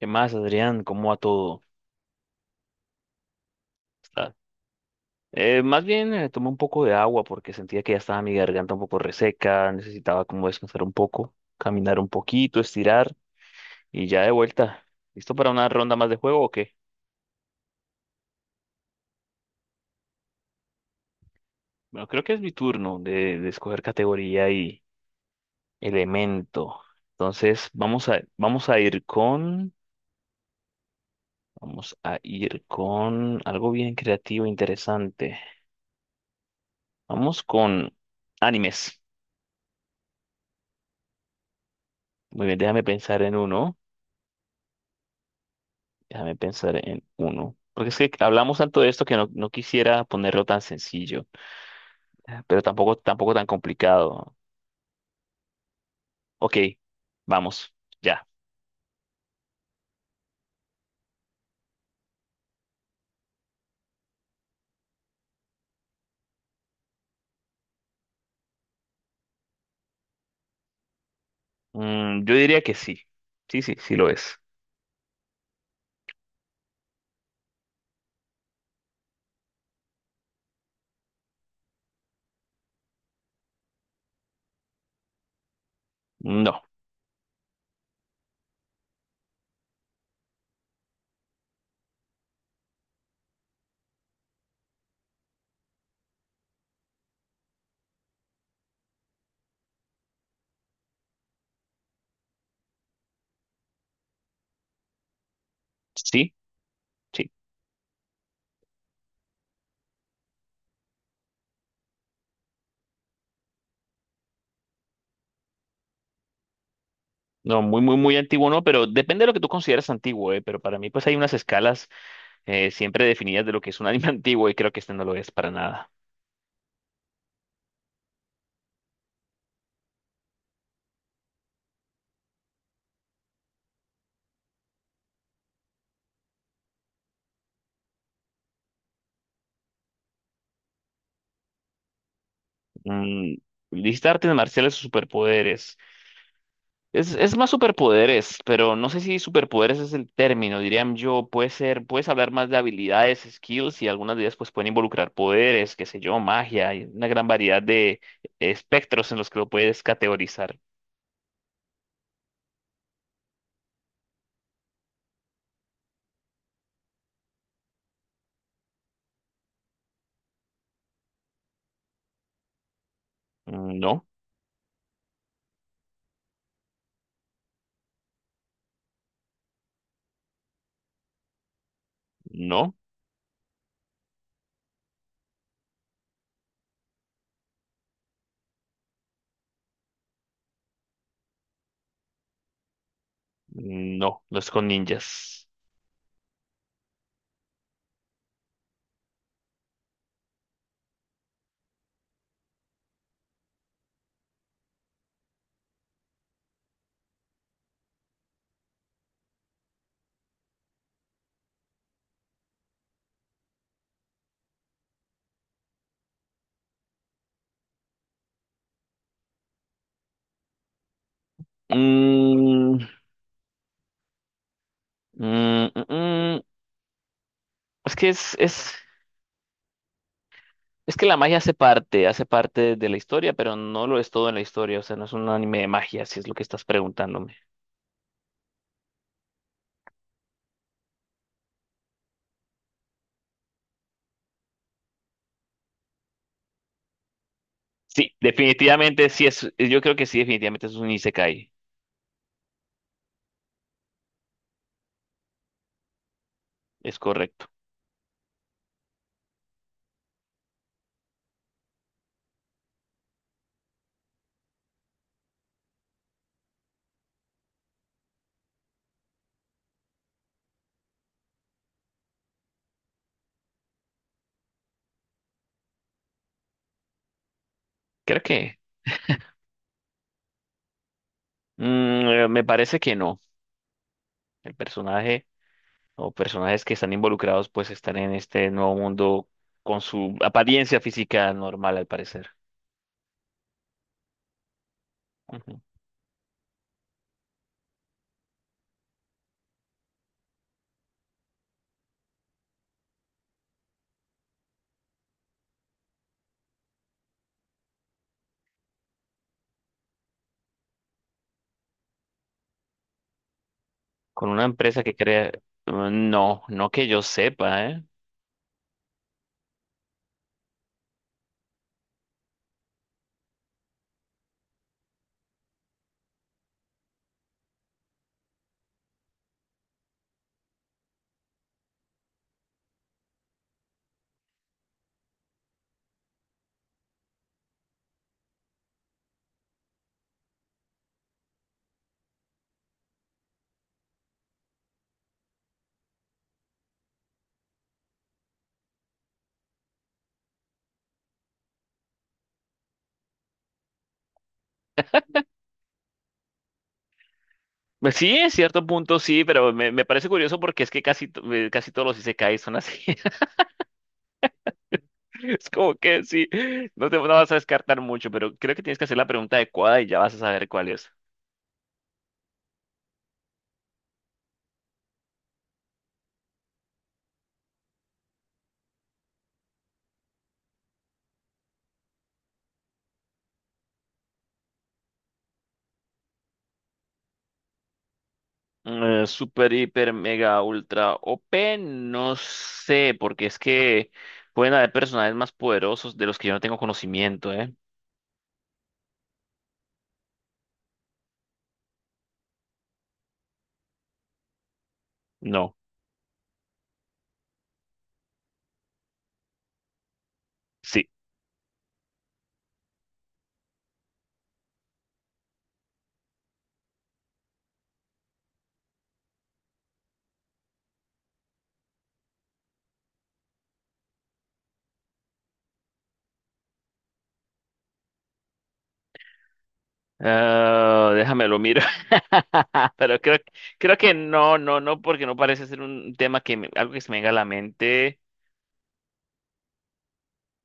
¿Qué más, Adrián? ¿Cómo va todo? Está- Más bien tomé un poco de agua porque sentía que ya estaba mi garganta un poco reseca, necesitaba como descansar un poco, caminar un poquito, estirar y ya de vuelta. ¿Listo para una ronda más de juego o qué? Bueno, creo que es mi turno de escoger categoría y elemento. Entonces, vamos a ir vamos a ir con algo bien creativo, e interesante. Vamos con animes. Muy bien, déjame pensar en uno. Déjame pensar en uno. Porque es que hablamos tanto de esto que no quisiera ponerlo tan sencillo, pero tampoco tan complicado. Ok, vamos, ya. Mm, yo diría que sí. Sí, sí, sí lo es. No, sí, sí. No, muy, muy, muy antiguo no, pero depende de lo que tú consideres antiguo, eh. Pero para mí, pues hay unas escalas siempre definidas de lo que es un anime antiguo y creo que este no lo es para nada. Mm, listar artes marciales o superpoderes. Es más superpoderes, pero no sé si superpoderes es el término, dirían yo, puede ser, puedes hablar más de habilidades, skills y algunas de ellas pues pueden involucrar poderes, qué sé yo, magia, hay una gran variedad de espectros en los que lo puedes categorizar. No, no, no, no es con ninjas. Mm, mm, mm, mm. Es que es, es, es que la magia hace parte de la historia, pero no lo es todo en la historia, o sea, no es un anime de magia, si es lo que estás preguntándome. Sí, definitivamente sí es, yo creo que sí, definitivamente es un isekai, es correcto. Creo que, mm, me parece que no. El personaje o personajes que están involucrados pues están en este nuevo mundo con su apariencia física normal al parecer. Ujú. Con una empresa que crea, mm, no, no que yo sepa, ¿eh? Pues sí, en cierto punto sí, pero me parece curioso porque es que casi todos los isekais son así. Es como que sí, no te no vas a descartar mucho, pero creo que tienes que hacer la pregunta adecuada y ya vas a saber cuál es. Super, hiper, mega, ultra, o p no sé, porque es que pueden haber personajes más poderosos de los que yo no tengo conocimiento, ¿eh? No, sí. Ah, déjame lo miro. Pero creo, creo que no, no, no, porque no parece ser un tema que algo que se me venga a la mente.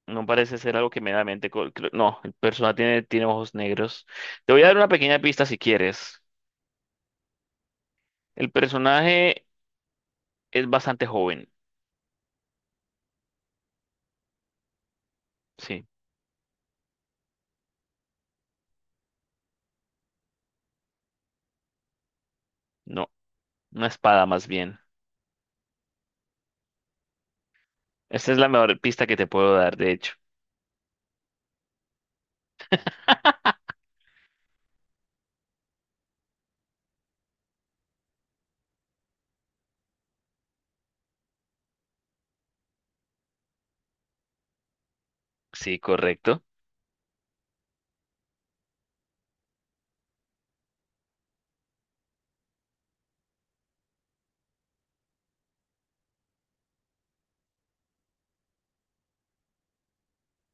No parece ser algo que me da en mente. No, el personaje tiene, tiene ojos negros. Te voy a dar una pequeña pista si quieres. El personaje es bastante joven. Sí, no, una espada más bien. Esta es la mejor pista que te puedo dar, de hecho. Sí, correcto.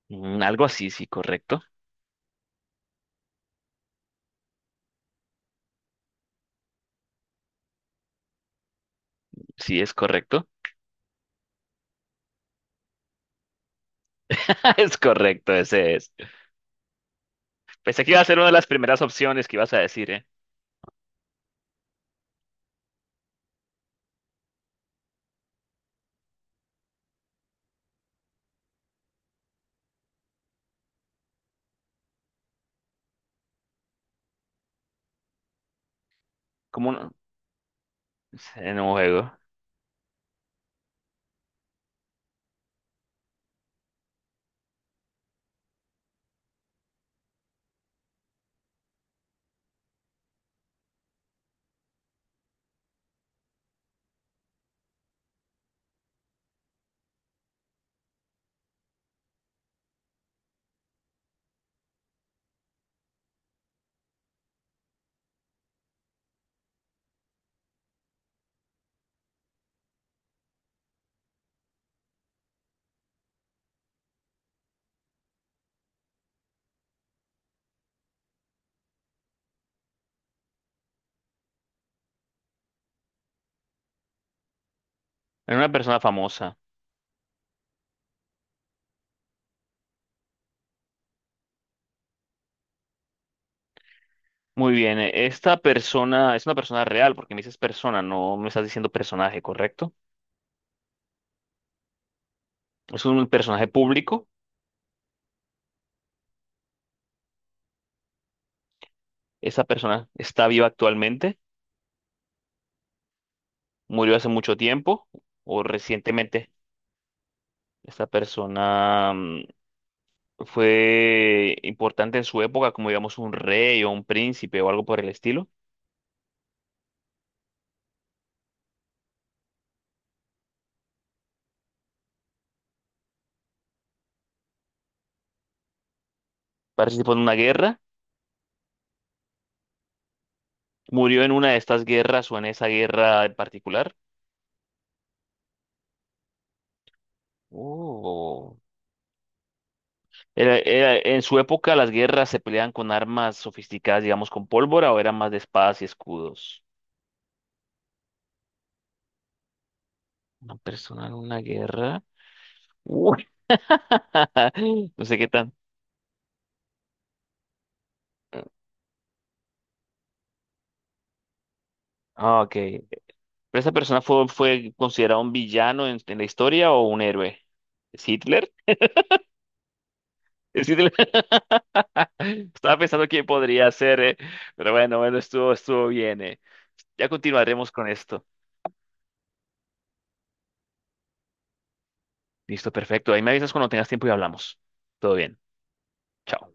Mm, algo así, sí, correcto. Sí, es correcto. Es correcto, ese es. Pensé que iba a ser una de las primeras opciones que ibas a decir, ¿eh? Como un... en un juego. Era una persona famosa. Muy bien, esta persona es una persona real, porque me dices persona, no me estás diciendo personaje, ¿correcto? Es un personaje público. ¿Esta persona está viva actualmente, murió hace mucho tiempo o recientemente? Esta persona mm, fue importante en su época, como digamos un rey o un príncipe o algo por el estilo. Participó en una guerra, ¿murió en una de estas guerras o en esa guerra en particular? Oh. En su época, ¿las guerras se peleaban con armas sofisticadas, digamos, con pólvora o eran más de espadas y escudos? Una persona en una guerra. Uy. No sé qué tan. Ah, ok. ¿Pero esa persona fue, fue considerado un villano en la historia o un héroe? ¿Es Hitler? ¿Es Hitler? Estaba pensando quién podría ser, eh. Pero bueno, bueno, estuvo bien, eh. Ya continuaremos con esto. Listo, perfecto. Ahí me avisas cuando tengas tiempo y hablamos. Todo bien. Chao.